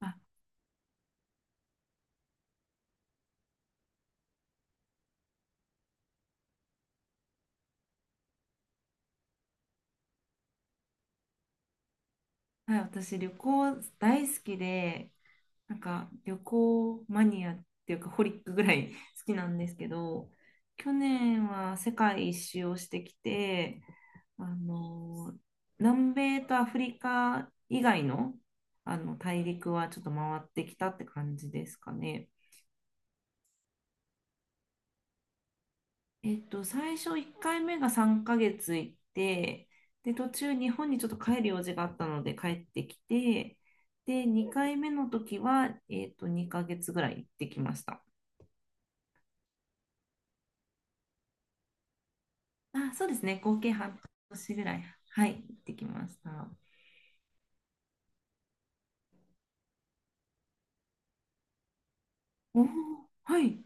あ、はい、私旅行大好きで、なんか旅行マニアっていうかホリックぐらい 好きなんですけど、去年は世界一周をしてきて、あの、南米とアフリカ以外の、あの大陸はちょっと回ってきたって感じですかね。最初1回目が3ヶ月行って、で、途中日本にちょっと帰る用事があったので帰ってきて、で、2回目の時は、2ヶ月ぐらい行ってきました。あ、そうですね。合計半年ぐらい、はい、行ってきました。おおはい。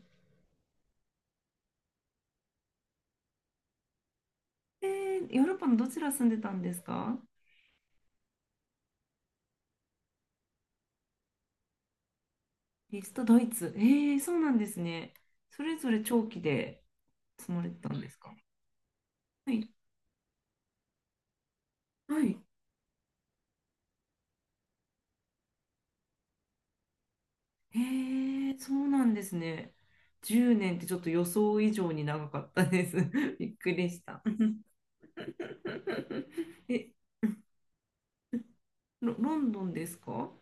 ヨーロッパのどちら住んでたんですか？リスト、ドイツ。えー、そうなんですね。それぞれ長期で住まれてたんですか？はい、はい。へえ、そうなんですね。10年ってちょっと予想以上に長かったです。びっくりした。え、ロンドンですか？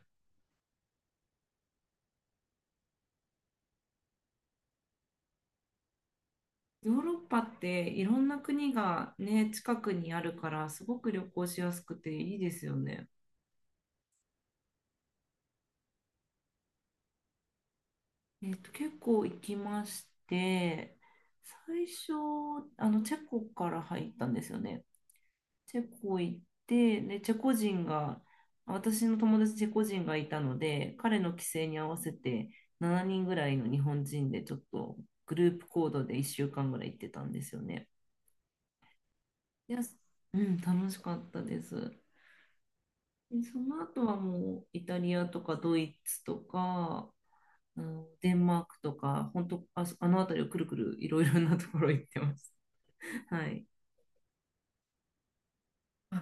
ヨーロッパっていろんな国がね、近くにあるからすごく旅行しやすくていいですよね。結構行きまして、最初、チェコから入ったんですよね。チェコ行って、で、チェコ人が、私の友達チェコ人がいたので、彼の帰省に合わせて7人ぐらいの日本人でちょっとグループ行動で1週間ぐらい行ってたんですよね。いや、うん、楽しかったです。で、その後はもうイタリアとかドイツとか、うんデンマークとか、本当、あ、あの辺りをくるくるいろいろなところ行ってます。はい。あ、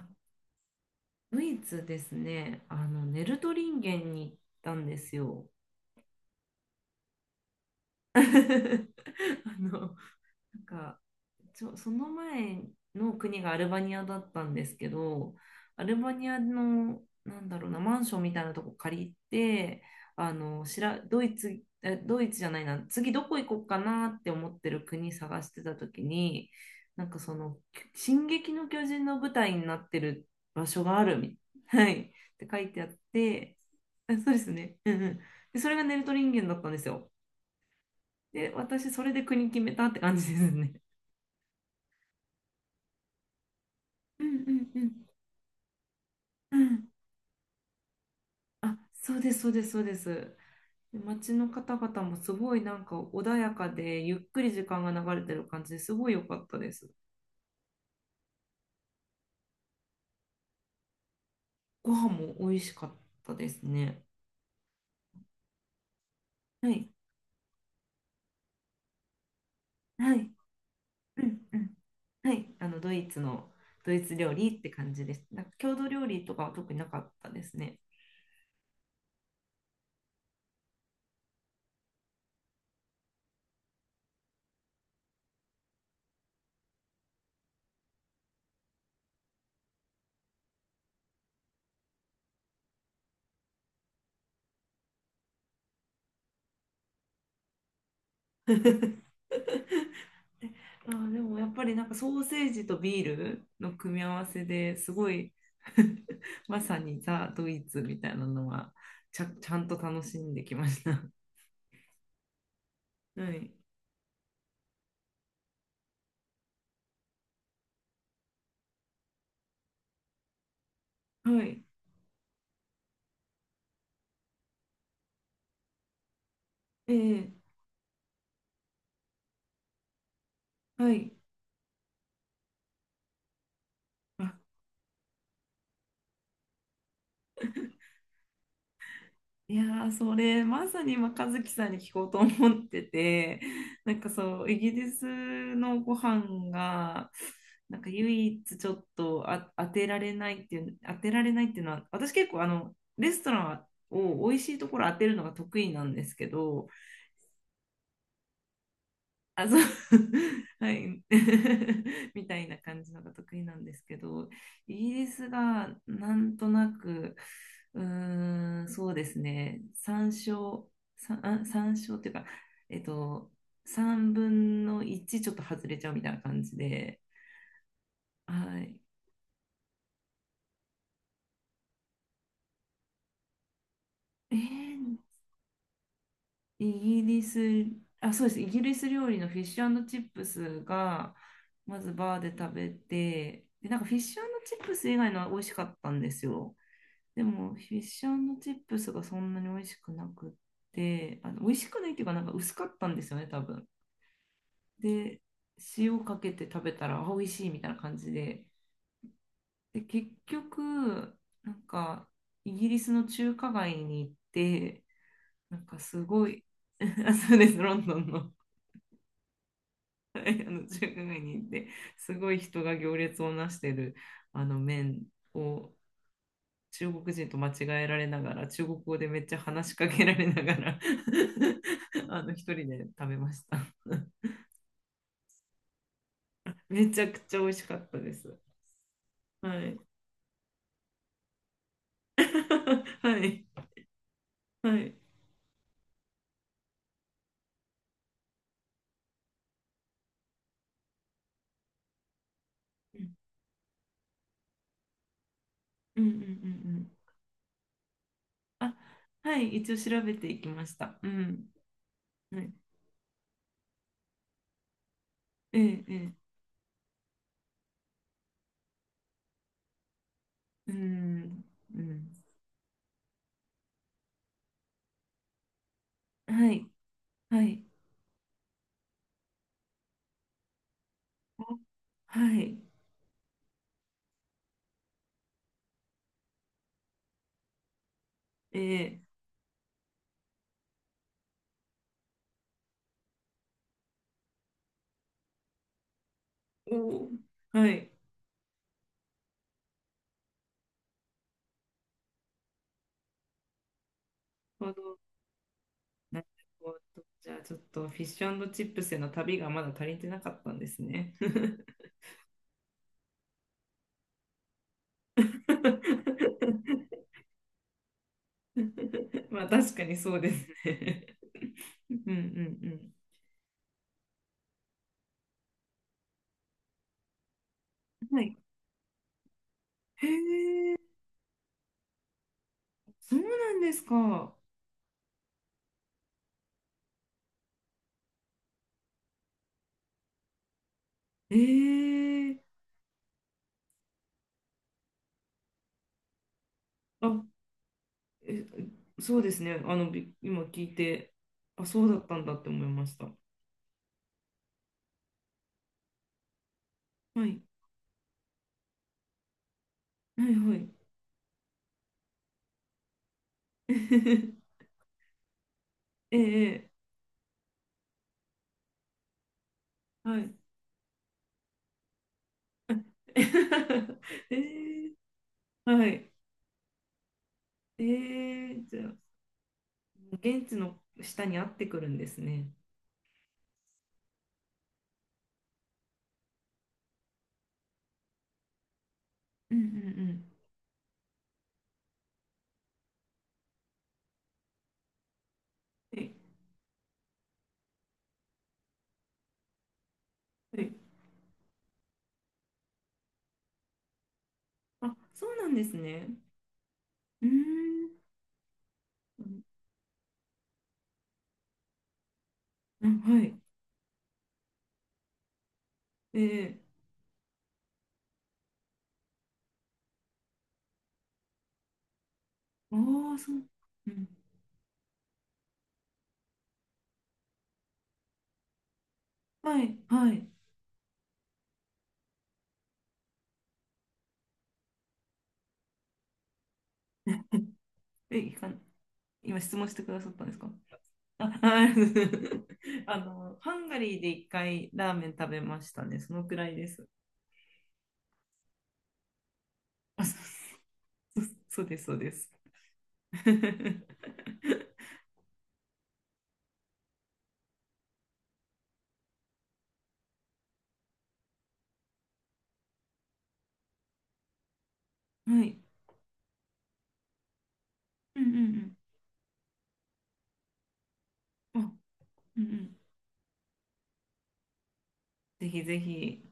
ドイツですね、ネルトリンゲンに行ったんですよ。あの、なんか、その前の国がアルバニアだったんですけど、アルバニアの、なんだろうな、マンションみたいなとこ借りて、あの、しら、ドイツ、えドイツじゃないな、次どこ行こうかなって思ってる国探してた時に、なんかその、進撃の巨人の舞台になってる場所があるみ、はい、って書いてあって、あそうですね、うんうん。で、それがネルトリンゲンだったんですよ。で、私、それで国決めたって感じですね。うんうんうんうんあ、そうです、そうです、そうです。で街の方々もすごいなんか穏やかで、ゆっくり時間が流れてる感じですごい良かったです。ご飯も美味しかったですね。はい、はい、うんうん、はい、ドイツ料理って感じです。なんか郷土料理とかは特になかったですね。あー、でもやっぱりなんかソーセージとビールの組み合わせですごい まさにザ・ドイツみたいなのはちゃんと楽しんできました。はい。はい。ええはい。いやーそれまさに今和樹さんに聞こうと思ってて なんかそうイギリスのご飯がなんか唯一ちょっと当てられないっていう当てられないっていうのは私結構あのレストランを美味しいところ当てるのが得意なんですけど、あ、そう、はい、みたいな感じのが得意なんですけど、イギリスがなんとなく、そうですね、参照っていうか、えっと、3分の1ちょっと外れちゃうみたいな感じで、はい。えーイギリス、あ、そうです、イギリス料理のフィッシュチップスが、まずバーで食べて、で、なんかフィッシュチップス以外のは美味しかったんですよ。でも、フィッシュチップスがそんなに美味しくなくって、美味しくないっていうか、なんか薄かったんですよね、多分。で、塩かけて食べたら、あ美味しいみたいな感じで。で、結局、なんか、イギリスの中華街に行って、なんかすごい、あそうです、ロンドンの、はいあの中華街に行って、すごい人が行列をなしてるあの麺を中国人と間違えられながら、中国語でめっちゃ話しかけられながら 一人で食べました。めちゃくちゃ美味しかったです。はい。はい。はい。うんうんうんうんあ、はい。一応調べていきました。うん。はい。ええ、ええ。うん。うん。はい。はい。あはい。ええ。おーはい。あのなるほど。じゃあちょっとフィッシュチップスへの旅がまだ足りてなかったんですね。まあ確かにそうですね。うんうんうん。はい。へえ、そうなんですか？ええ、あ、え、そうですね。今聞いて、あ、そうだったんだって思いました。はい。はいはい。ええ、ええはい。ええ、はい。ええ、じゃあ。現地の下に合ってくるんですね。うんうんはいはい。あ、そうなんですね。うん。ーん。うんはい。ええああー、そう。うん。はい、はい。え、いかん、今質問してくださったんですか？あ、はい ハンガリーで一回ラーメン食べましたね。そのくらいです。あ、そう、そうそうです、そうです。はい。うんうんうん。あ、うんうん。ぜひぜひ。